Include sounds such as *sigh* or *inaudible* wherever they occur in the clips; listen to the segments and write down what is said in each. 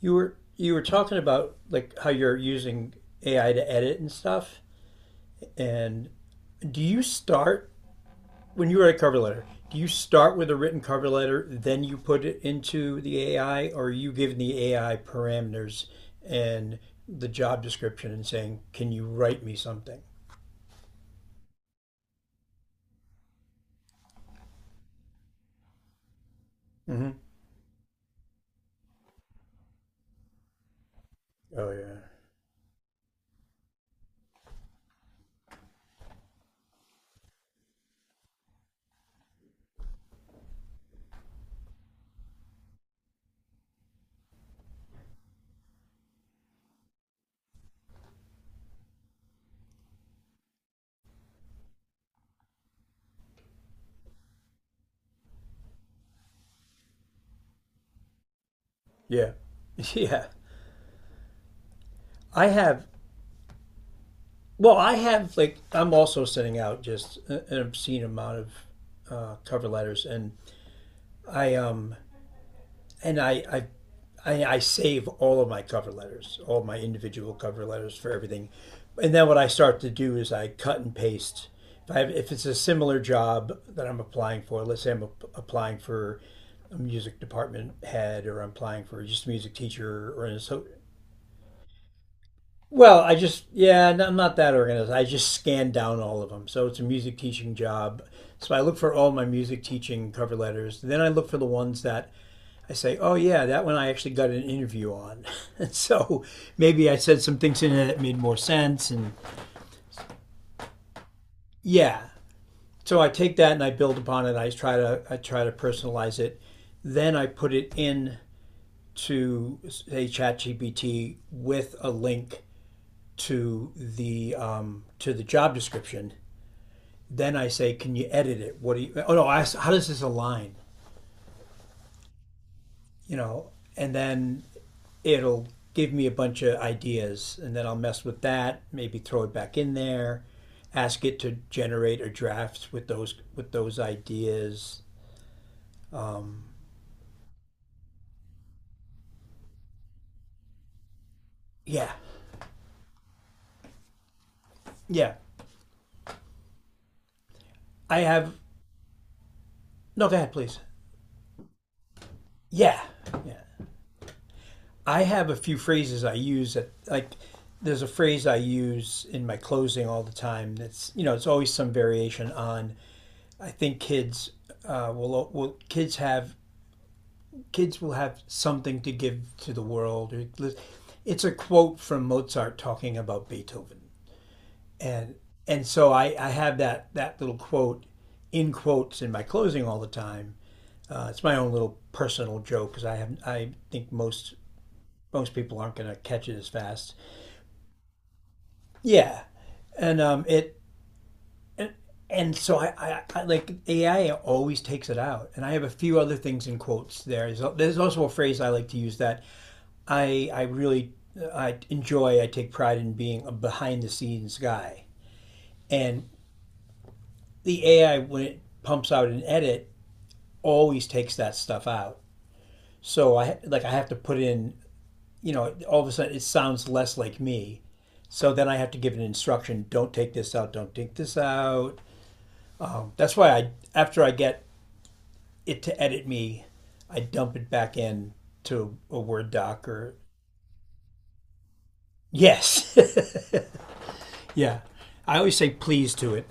You were talking about how you're using AI to edit and stuff. And do you start when you write a cover letter? Do you start with a written cover letter, then you put it into the AI, or are you giving the AI parameters and the job description and saying, "Can you write me something?" Mm-hmm. Oh yeah, yeah, *laughs* yeah. I have. Well, I have I'm also sending out just an obscene amount of cover letters, and I and I save all of my cover letters, all my individual cover letters for everything, and then what I start to do is I cut and paste. If I have, If it's a similar job that I'm applying for, let's say applying for a music department head, or I'm applying for just a music teacher, or an so. Well, I just yeah, no, I'm not that organized. I just scan down all of them. So it's a music teaching job. So I look for all my music teaching cover letters. Then I look for the ones that I say, oh yeah, that one I actually got an interview on. *laughs* So maybe I said some things in it that made more sense, and yeah. So I take that and I build upon it. I try to personalize it. Then I put it in to say ChatGPT with a link to the job description. Then I say, can you edit it? What do you? Oh no, I ask, how does this align? you know, and then it'll give me a bunch of ideas, and then I'll mess with that, maybe throw it back in there, ask it to generate a draft with those ideas. Yeah, yeah. I have no. Go ahead, please. Yeah, yeah. I have a few phrases I use that, There's a phrase I use in my closing all the time. That's it's always some variation on. I think kids have kids will have something to give to the world. It's a quote from Mozart talking about Beethoven, and and so I have that little quote in quotes in my closing all the time. It's my own little personal joke because I have I think most people aren't going to catch it as fast. Yeah, and it and so I like AI always takes it out, and I have a few other things in quotes there. There's also a phrase I like to use that I I really I enjoy. I take pride in being a behind the scenes guy. And the AI, when it pumps out an edit, always takes that stuff out. So I have to put in. You know, all of a sudden it sounds less like me. So then I have to give an instruction: don't take this out, don't take this out. That's why I, after I get it to edit me, I dump it back in to a Word doc or yes, *laughs* yeah. I always say please to it.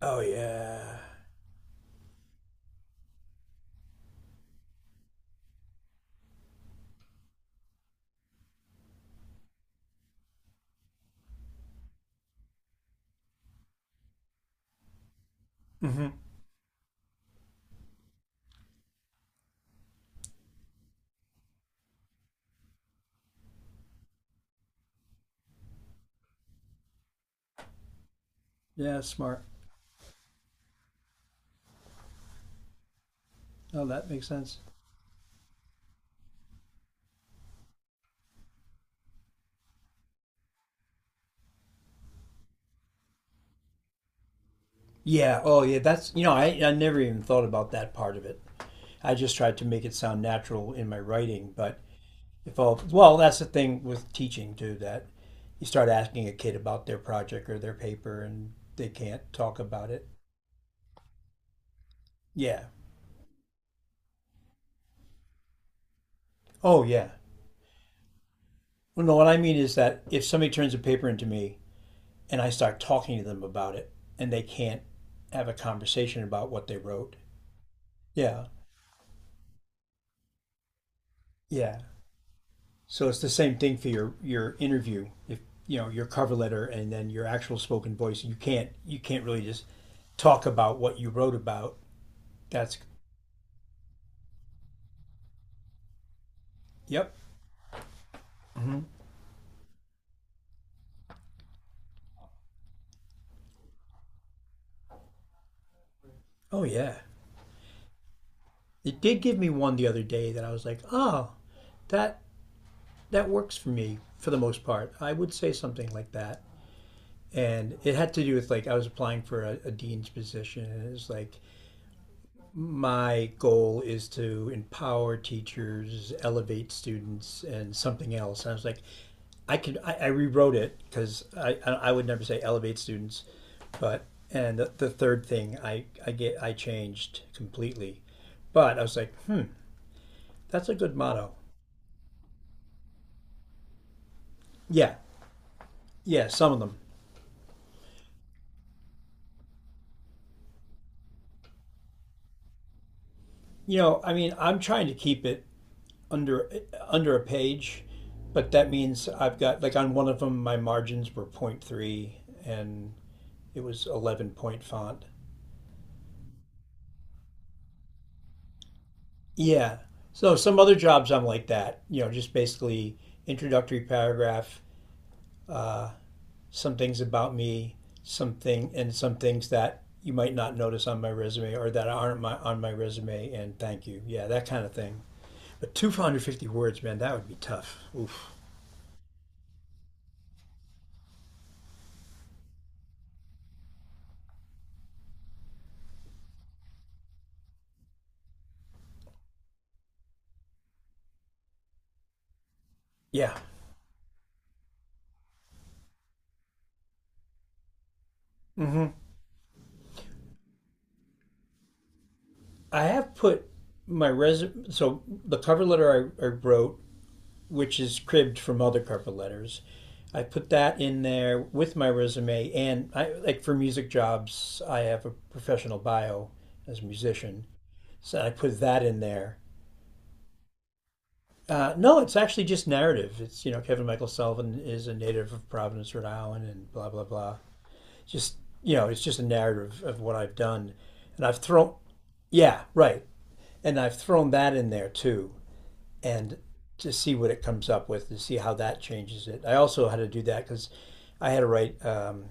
Oh yeah. Mm-hmm. Yeah, smart. Oh, that makes sense. Yeah. Oh yeah. That's you know I never even thought about that part of it. I just tried to make it sound natural in my writing, but if all well that's the thing with teaching too that you start asking a kid about their project or their paper and they can't talk about it. Yeah. Oh yeah. Well, no, what I mean is that if somebody turns a paper into me and I start talking to them about it and they can't have a conversation about what they wrote. Yeah. Yeah. So it's the same thing for your interview. If you know your cover letter and then your actual spoken voice, you can't really just talk about what you wrote about. That's yep. Mm-hmm. Oh yeah, it did give me one the other day that I was like, oh, that that works for me for the most part. I would say something like that, and it had to do with I was applying for a dean's position, and it was like my goal is to empower teachers, elevate students, and something else. And I was like, I rewrote it because I would never say elevate students, but and the third thing I changed completely, but I was like, hmm, that's a good motto. Yeah, yeah, some of them. You know, I mean, I'm trying to keep it under under a page, but that means I've got like on one of them my margins were point 0.3 and it was 11 point font. Yeah. So some other jobs I'm like that, you know, just basically introductory paragraph, uh, some things about me, something, and some things that you might not notice on my resume or that aren't my, on my resume, and thank you. Yeah, that kind of thing. But 250 words, man, that would be tough. Oof. Yeah. Mm hmm. I have put my resume, so the cover letter I wrote, which is cribbed from other cover letters. I put that in there with my resume, and I like for music jobs, I have a professional bio as a musician, so I put that in there. No, it's actually just narrative. It's you know Kevin Michael Sullivan is a native of Providence, Rhode Island, and blah blah blah. Just you know, it's just a narrative of what I've done, and I've thrown, yeah, right, and I've thrown that in there too. And to see what it comes up with, to see how that changes it. I also had to do that because I had to write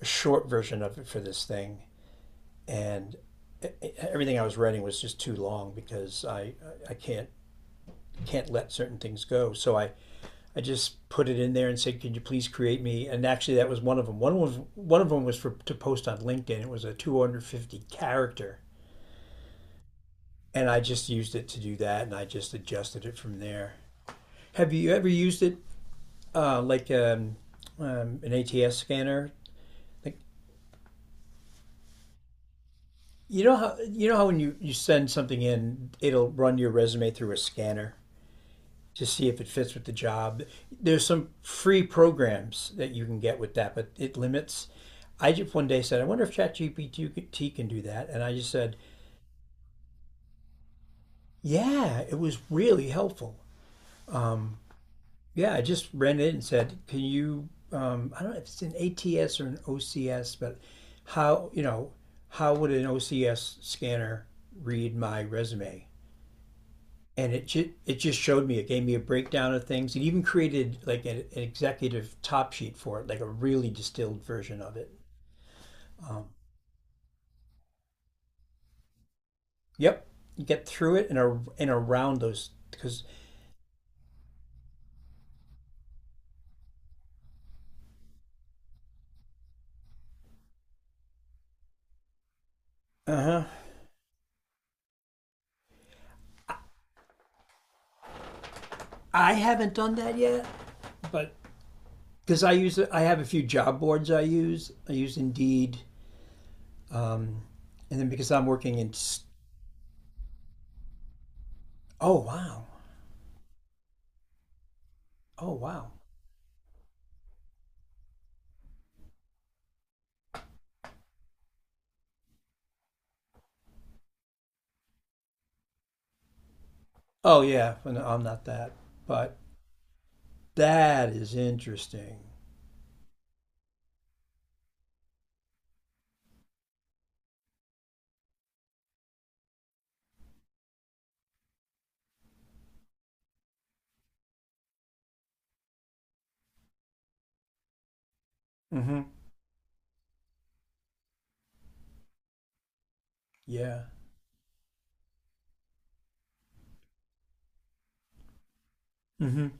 a short version of it for this thing, and everything I was writing was just too long because I can't let certain things go. So I just put it in there and said, "Could you please create me?" And actually, that was one of them. One of them was for to post on LinkedIn. It was a 250 character, and I just used it to do that, and I just adjusted it from there. Have you ever used it uh, like um, an ATS scanner. Like you know how when you send something in, it'll run your resume through a scanner to see if it fits with the job. There's some free programs that you can get with that, but it limits. I just one day said, I wonder if ChatGPT can do that, and I just said, yeah, it was really helpful. Um, Yeah, I just ran in and said, "Can you?" I don't know if it's an ATS or an OCS, but how you know how would an OCS scanner read my resume? And it just showed me. It gave me a breakdown of things. It even created like an executive top sheet for it, like a really distilled version of it. Um, yep, you get through it and, and around those because uh-huh. I haven't done that yet, but because I use I have a few job boards I use. I use Indeed. Um, and then because I'm working in, Oh wow, oh wow, oh yeah, well, no, I'm not that, but that is interesting. Mm-hmm. Yeah. Mm-hmm.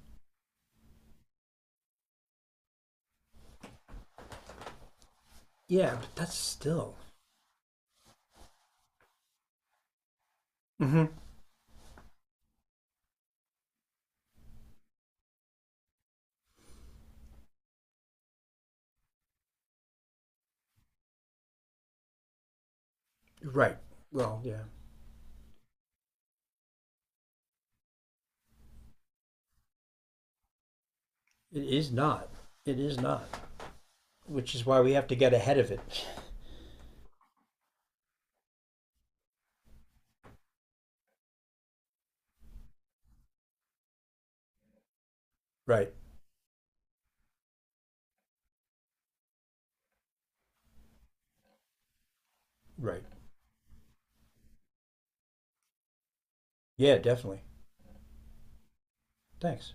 Yeah, but that's still mm-hmm. Right. Well, yeah, it is not. It is not, which is why we have to get ahead of it. *laughs* Right. Right. Yeah, definitely. Thanks.